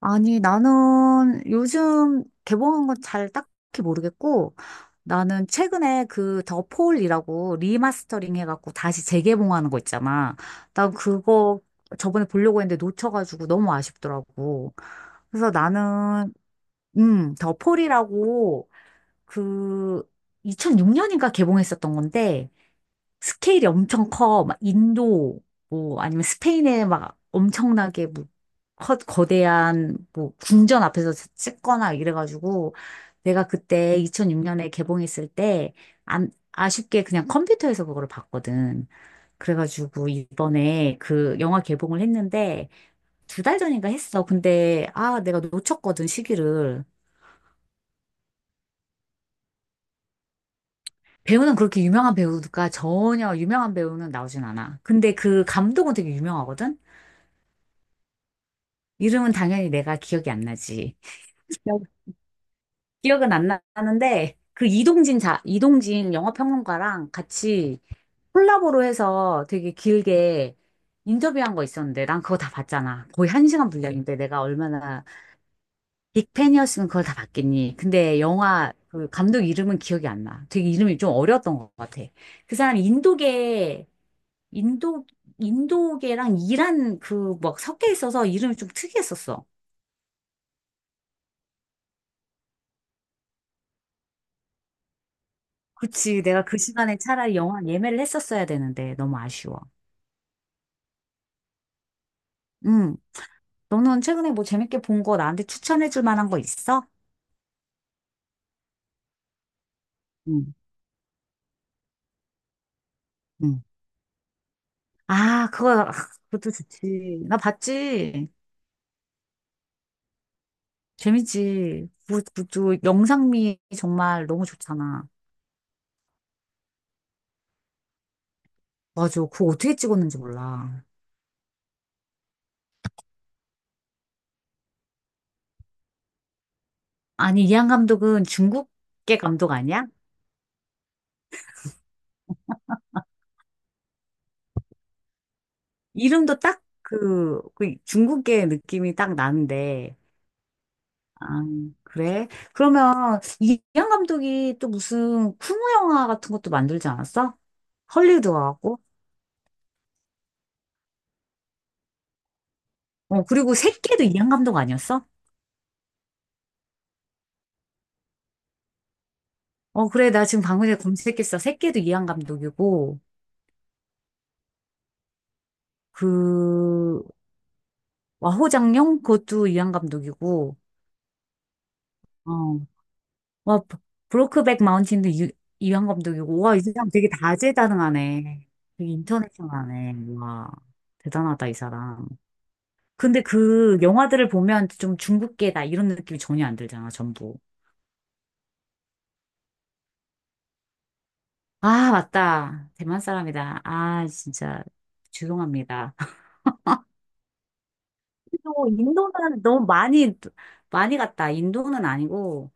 아니, 나는 요즘 개봉한 건 잘 딱히 모르겠고, 나는 최근에 그 더 폴이라고 리마스터링 해갖고 다시 재개봉하는 거 있잖아. 난 그거 저번에 보려고 했는데 놓쳐가지고 너무 아쉽더라고. 그래서 나는, 더 폴이라고 그 2006년인가 개봉했었던 건데, 스케일이 엄청 커. 막 인도, 뭐, 아니면 스페인에 막 엄청나게 뭐, 커, 거대한 뭐, 궁전 앞에서 찍거나 이래가지고, 내가 그때 2006년에 개봉했을 때, 안, 아쉽게 그냥 컴퓨터에서 그거를 봤거든. 그래가지고 이번에 그 영화 개봉을 했는데, 두 달 전인가 했어. 근데, 아, 내가 놓쳤거든, 시기를. 배우는 그렇게 유명한 배우가 전혀 유명한 배우는 나오진 않아. 근데 그 감독은 되게 유명하거든? 이름은 당연히 내가 기억이 안 나지. 기억- 기억은 안 나는데 그 이동진 영화평론가랑 같이 콜라보로 해서 되게 길게 인터뷰한 거 있었는데 난 그거 다 봤잖아. 거의 한 시간 분량인데 내가 얼마나 빅팬이었으면 그걸 다 봤겠니. 근데 영화 그 감독 이름은 기억이 안 나. 되게 이름이 좀 어려웠던 것 같아. 그 사람이 인도 인도계랑 이란 그 막 섞여 있어서 이름이 좀 특이했었어. 그치. 내가 그 시간에 차라리 영화 예매를 했었어야 되는데 너무 아쉬워. 응. 너는 최근에 뭐 재밌게 본 거 나한테 추천해 줄 만한 거 있어? 응. 응. 아, 그거, 아, 그것도 좋지. 나 봤지. 재밌지. 그 영상미 정말 너무 좋잖아. 맞아. 그거 어떻게 찍었는지 몰라. 아니, 이한 감독은 중국계 감독 아니야? 이름도 딱 그 중국계 느낌이 딱 나는데. 아, 그래? 그러면 이양 감독이 또 무슨 쿵우 영화 같은 것도 만들지 않았어? 헐리우드하고? 어, 그리고 새끼도 이양 감독 아니었어? 어, 그래. 나 지금 방금 전에 검색했어. 새끼도 이양 감독이고, 그, 와호장룡? 그것도 이양 감독이고, 어, 와, 브로크백 마운틴도 이양 감독이고, 와, 이 사람 되게 다재다능하네. 되게 인터내셔널하네. 와, 대단하다, 이 사람. 근데 그 영화들을 보면 좀 중국계다 이런 느낌이 전혀 안 들잖아, 전부. 아, 맞다. 대만 사람이다. 아, 진짜 죄송합니다. 또 인도는 너무 많이 많이 갔다. 인도는 아니고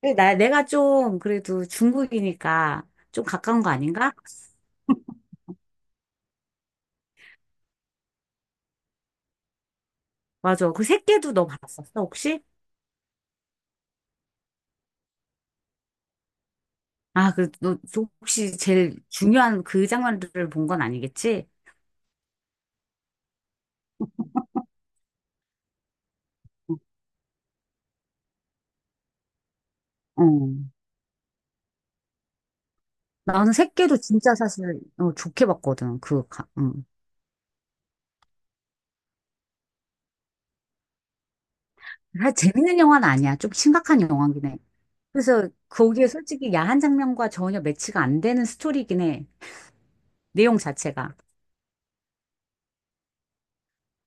근데 나 내가 좀 그래도 중국이니까 좀 가까운 거 아닌가? 맞아. 그 새끼도 너 봤었어, 혹시? 아, 그, 너, 혹시 제일 중요한 그 장면들을 본 건 아니겠지? 어. 나는 새끼도 진짜 사실 좋게 봤거든. 아, 재밌는 영화는 아니야. 좀 심각한 영화긴 해. 그래서 거기에 솔직히 야한 장면과 전혀 매치가 안 되는 스토리긴 해. 내용 자체가.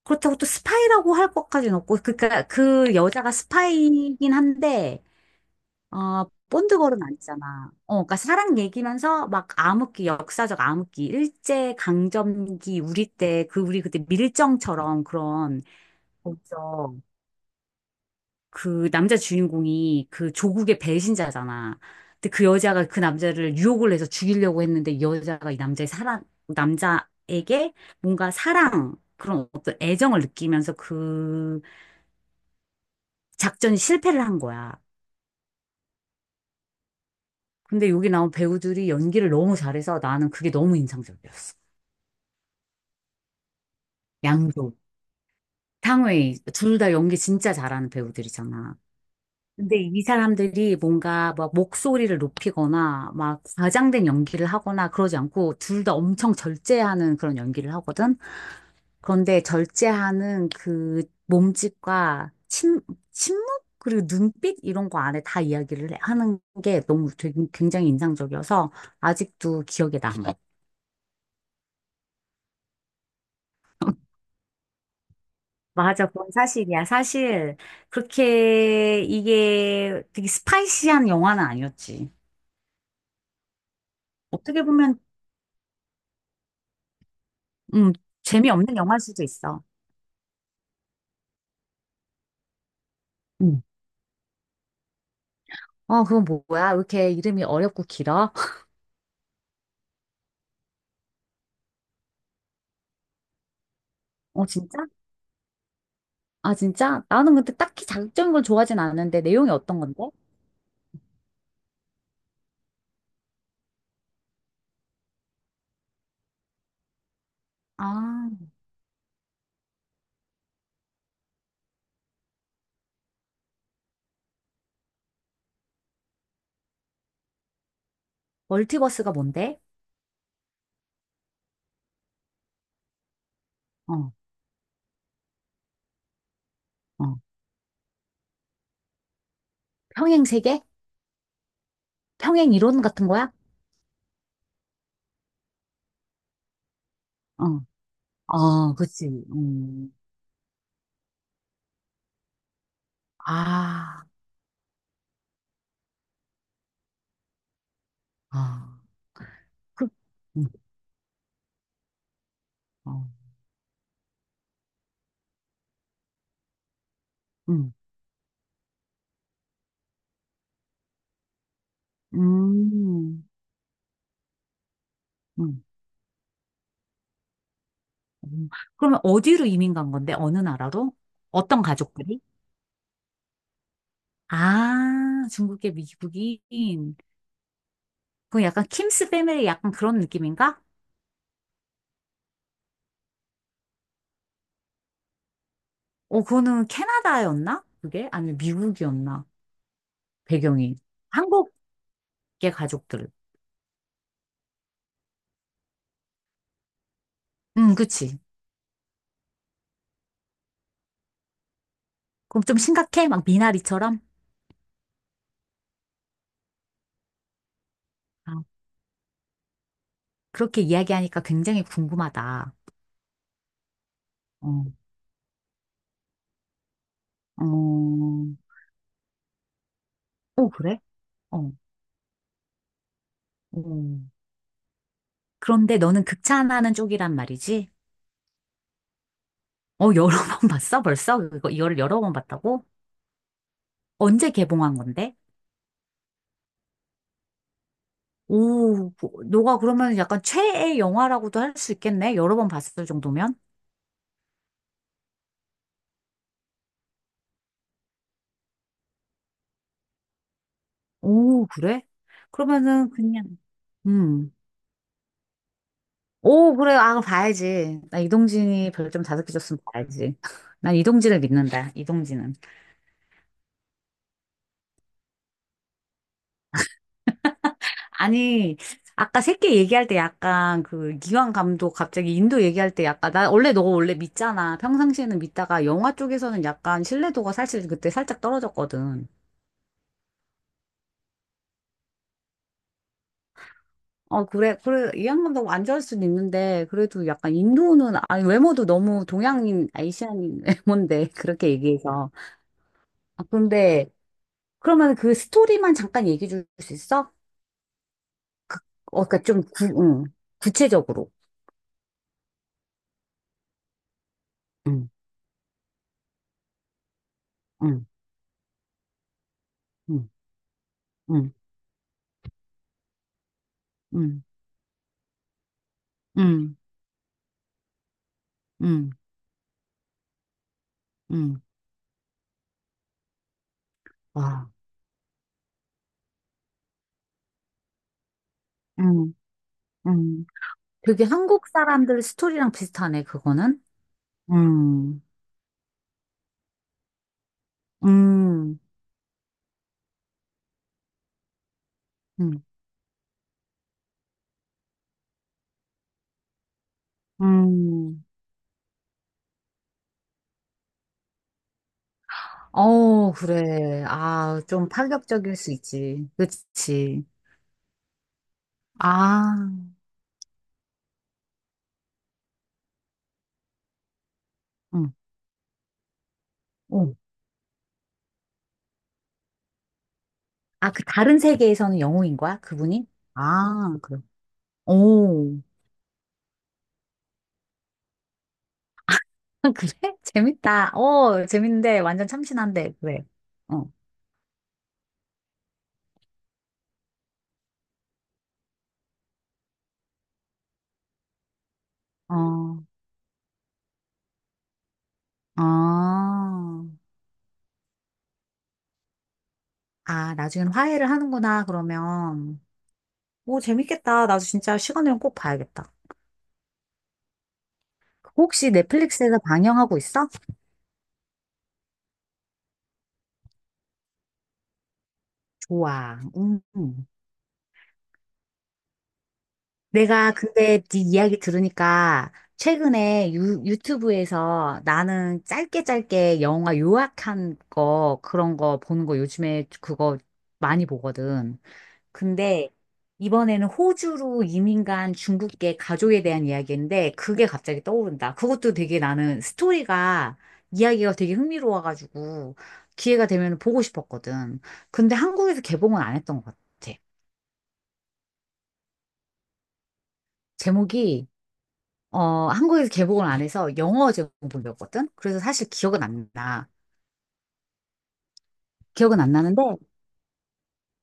그렇다고 또 스파이라고 할 것까지는 없고, 그니까 그 여자가 스파이긴 한데, 어, 본드걸은 아니잖아. 어, 그러니까 사랑 얘기면서 막 암흑기, 역사적 암흑기, 일제 강점기 우리 때 그 우리 그때 밀정처럼 그런 거기서 그 남자 주인공이 그 조국의 배신자잖아. 근데 그 여자가 그 남자를 유혹을 해서 죽이려고 했는데 이 여자가 이 남자의 남자에게 뭔가 사랑, 그런 어떤 애정을 느끼면서 그 작전이 실패를 한 거야. 근데 여기 나온 배우들이 연기를 너무 잘해서 나는 그게 너무 인상적이었어. 양조, 탕웨이, 둘 다 연기 진짜 잘하는 배우들이잖아. 근데 이 사람들이 뭔가 막 목소리를 높이거나 막 과장된 연기를 하거나 그러지 않고 둘 다 엄청 절제하는 그런 연기를 하거든. 그런데 절제하는 그 몸짓과 침묵 그리고 눈빛 이런 거 안에 다 하는 게 너무 되게 굉장히 인상적이어서 아직도 기억에 남아. 맞아, 그건 사실이야. 사실 그렇게 이게 되게 스파이시한 영화는 아니었지. 어떻게 보면 음, 재미없는 영화일 수도 있어. 응. 어, 그건 뭐야? 왜 이렇게 이름이 어렵고 길어? 어, 진짜? 아, 진짜? 나는 근데 딱히 자극적인 걸 좋아하진 않는데 내용이 어떤 건데? 아, 멀티버스가 뭔데? 어, 어, 평행 세계? 평행 이론 같은 거야? 어. 어 그치. 아, 아, 그, 음 어. 음, 음, 음. 음. 그러면 어디로 이민 간 건데? 어느 나라로? 어떤 가족들이? 아, 중국계 미국인. 그거 약간 킴스 패밀리 약간 그런 느낌인가? 어, 그거는 캐나다였나? 그게? 아니면 미국이었나? 배경이. 한국계 가족들. 응, 그치. 그럼 좀 심각해? 막 미나리처럼? 아, 그렇게 이야기하니까 굉장히 궁금하다. 어, 어, 그래? 어, 어. 그런데 너는 극찬하는 쪽이란 말이지? 어, 여러 번 봤어? 벌써? 이거를 여러 번 봤다고? 언제 개봉한 건데? 오, 뭐, 너가 그러면 약간 최애 영화라고도 할 수 있겠네? 여러 번 봤을 정도면? 오, 그래? 그러면은 그냥, 음. 오, 그래. 아, 그럼 봐야지. 나 이동진이 별점 다섯 개 줬으면 봐야지. 난 이동진을 믿는다. 이동진은. 아니, 아까 새끼 얘기할 때 약간 그 기왕 감독 갑자기 인도 얘기할 때 약간 나 원래 너 원래 믿잖아. 평상시에는 믿다가 영화 쪽에서는 약간 신뢰도가 사실 그때 살짝 떨어졌거든. 어, 그래, 이 양반도 안 좋아할 수는 있는데, 그래도 약간 인도는, 아니, 외모도 너무 동양인, 아시안인 외모인데, 그렇게 얘기해서. 아, 근데, 그러면 그 스토리만 잠깐 얘기해 줄 수 있어? 어, 그니까 응, 구체적으로. 응, 응, 응, 응, 응, 응, 응, 응, 와, 응, 응. 되게 한국 사람들 스토리랑 비슷하네, 그거는. 음, 음, 음, 음. 어, 그래. 아, 좀 파격적일 수 있지. 그치. 아, 응, 어. 아, 그 다른 세계에서는 영웅인 거야? 그분이? 아, 그래. 오, 그래? 재밌다. 어, 재밌는데, 완전 참신한데, 그래. 어, 어, 어. 아, 나중엔 화해를 하는구나, 그러면. 오, 재밌겠다. 나도 진짜 시간 되면 꼭 봐야겠다. 혹시 넷플릭스에서 방영하고 있어? 좋아. 음. 내가 근데 네 이야기 들으니까 최근에 유튜브에서 나는 짧게 짧게 영화 요약한 거 그런 거 보는 거 요즘에 그거 많이 보거든. 근데 이번에는 호주로 이민 간 중국계 가족에 대한 이야기인데 그게 갑자기 떠오른다. 그것도 되게 나는 스토리가 이야기가 되게 흥미로워가지고 기회가 되면 보고 싶었거든. 근데 한국에서 개봉은 안 했던 것 같아. 제목이 어, 한국에서 개봉을 안 해서 영어 제목이었거든? 그래서 사실 기억은 안 나. 기억은 안 나는데,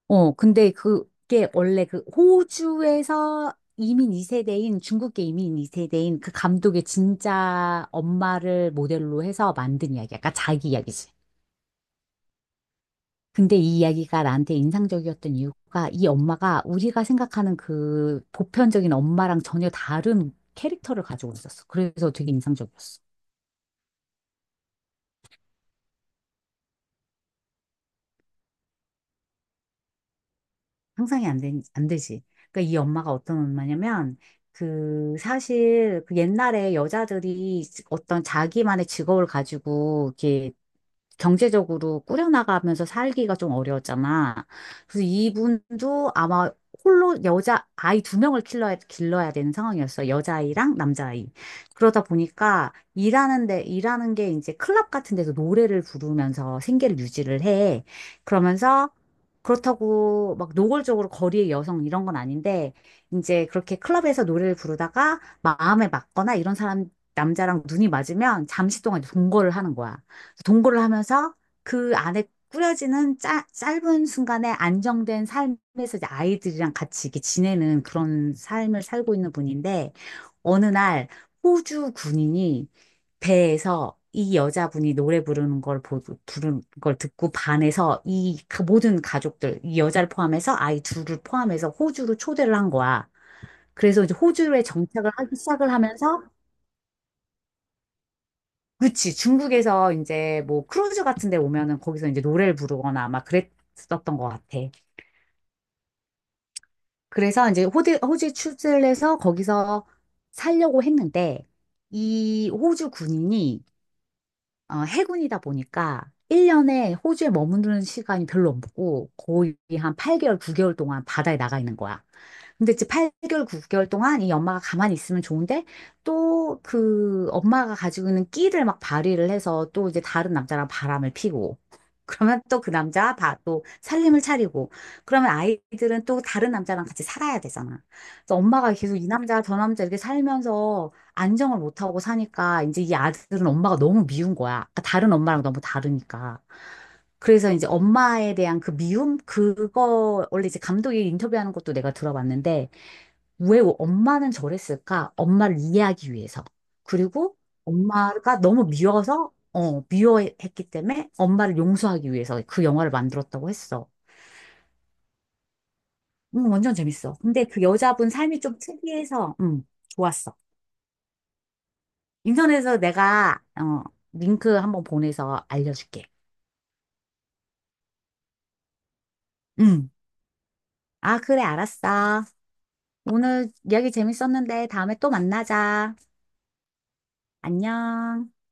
어, 근데 그게 원래 그 호주에서 중국계 이민 2세대인 그 감독의 진짜 엄마를 모델로 해서 만든 이야기야. 그러니까 자기 이야기지. 근데 이 이야기가 나한테 인상적이었던 이유가 이 엄마가 우리가 생각하는 그 보편적인 엄마랑 전혀 다른 캐릭터를 가지고 있었어. 그래서 되게 인상적이었어. 상상이 안 되, 안 되지. 그러니까 이 엄마가 어떤 엄마냐면 그 사실 그 옛날에 여자들이 어떤 자기만의 직업을 가지고 이렇게 경제적으로 꾸려나가면서 살기가 좀 어려웠잖아. 그래서 이분도 아마 홀로 여자 아이 두 명을 길러야 되는 상황이었어. 여자아이랑 남자아이. 그러다 보니까 일하는데, 일하는 게 이제 클럽 같은 데서 노래를 부르면서 생계를 유지를 해. 그러면서 그렇다고 막 노골적으로 거리의 여성 이런 건 아닌데 이제 그렇게 클럽에서 노래를 부르다가 마음에 맞거나 이런 사람 남자랑 눈이 맞으면 잠시 동안 동거를 하는 거야. 동거를 하면서 그 안에 꾸려지는 짧은 순간에 안정된 삶에서 이제 아이들이랑 같이 이렇게 지내는 그런 삶을 살고 있는 분인데 어느 날 호주 군인이 배에서 이 여자분이 노래 부르는 걸 보, 부르는 걸 듣고 반해서 모든 가족들, 이 여자를 포함해서 아이 둘을 포함해서 호주로 초대를 한 거야. 그래서 이제 호주에 정착을 하기 시작을 하면서, 그치, 중국에서 이제 뭐 크루즈 같은 데 오면은 거기서 이제 노래를 부르거나 막 그랬었던 것 같아. 그래서 이제 호주에 출세를 해서 거기서 살려고 했는데, 이 호주 군인이 어, 해군이다 보니까 1년에 호주에 머무는 시간이 별로 없고 거의 한 8개월, 9개월 동안 바다에 나가 있는 거야. 근데 이제 8개월, 9개월 동안 이 엄마가 가만히 있으면 좋은데 또 그 엄마가 가지고 있는 끼를 막 발휘를 해서 또 이제 다른 남자랑 바람을 피고 그러면 또 그 또 살림을 차리고 그러면 아이들은 또 다른 남자랑 같이 살아야 되잖아. 그래서 엄마가 계속 이 남자 저 남자 이렇게 살면서 안정을 못 하고 사니까 이제 이 아들은 엄마가 너무 미운 거야. 그러니까 다른 엄마랑 너무 다르니까. 그래서 이제 엄마에 대한 그 미움? 그거, 원래 이제 감독이 인터뷰하는 것도 내가 들어봤는데, 왜 엄마는 저랬을까? 엄마를 이해하기 위해서. 그리고 엄마가 너무 미워서, 어, 미워했기 때문에 엄마를 용서하기 위해서 그 영화를 만들었다고 했어. 완전 재밌어. 근데 그 여자분 삶이 좀 특이해서, 좋았어. 인터넷에서 내가, 어, 링크 한번 보내서 알려줄게. 음. 아, 그래, 알았어. 오늘 이야기 재밌었는데 다음에 또 만나자. 안녕.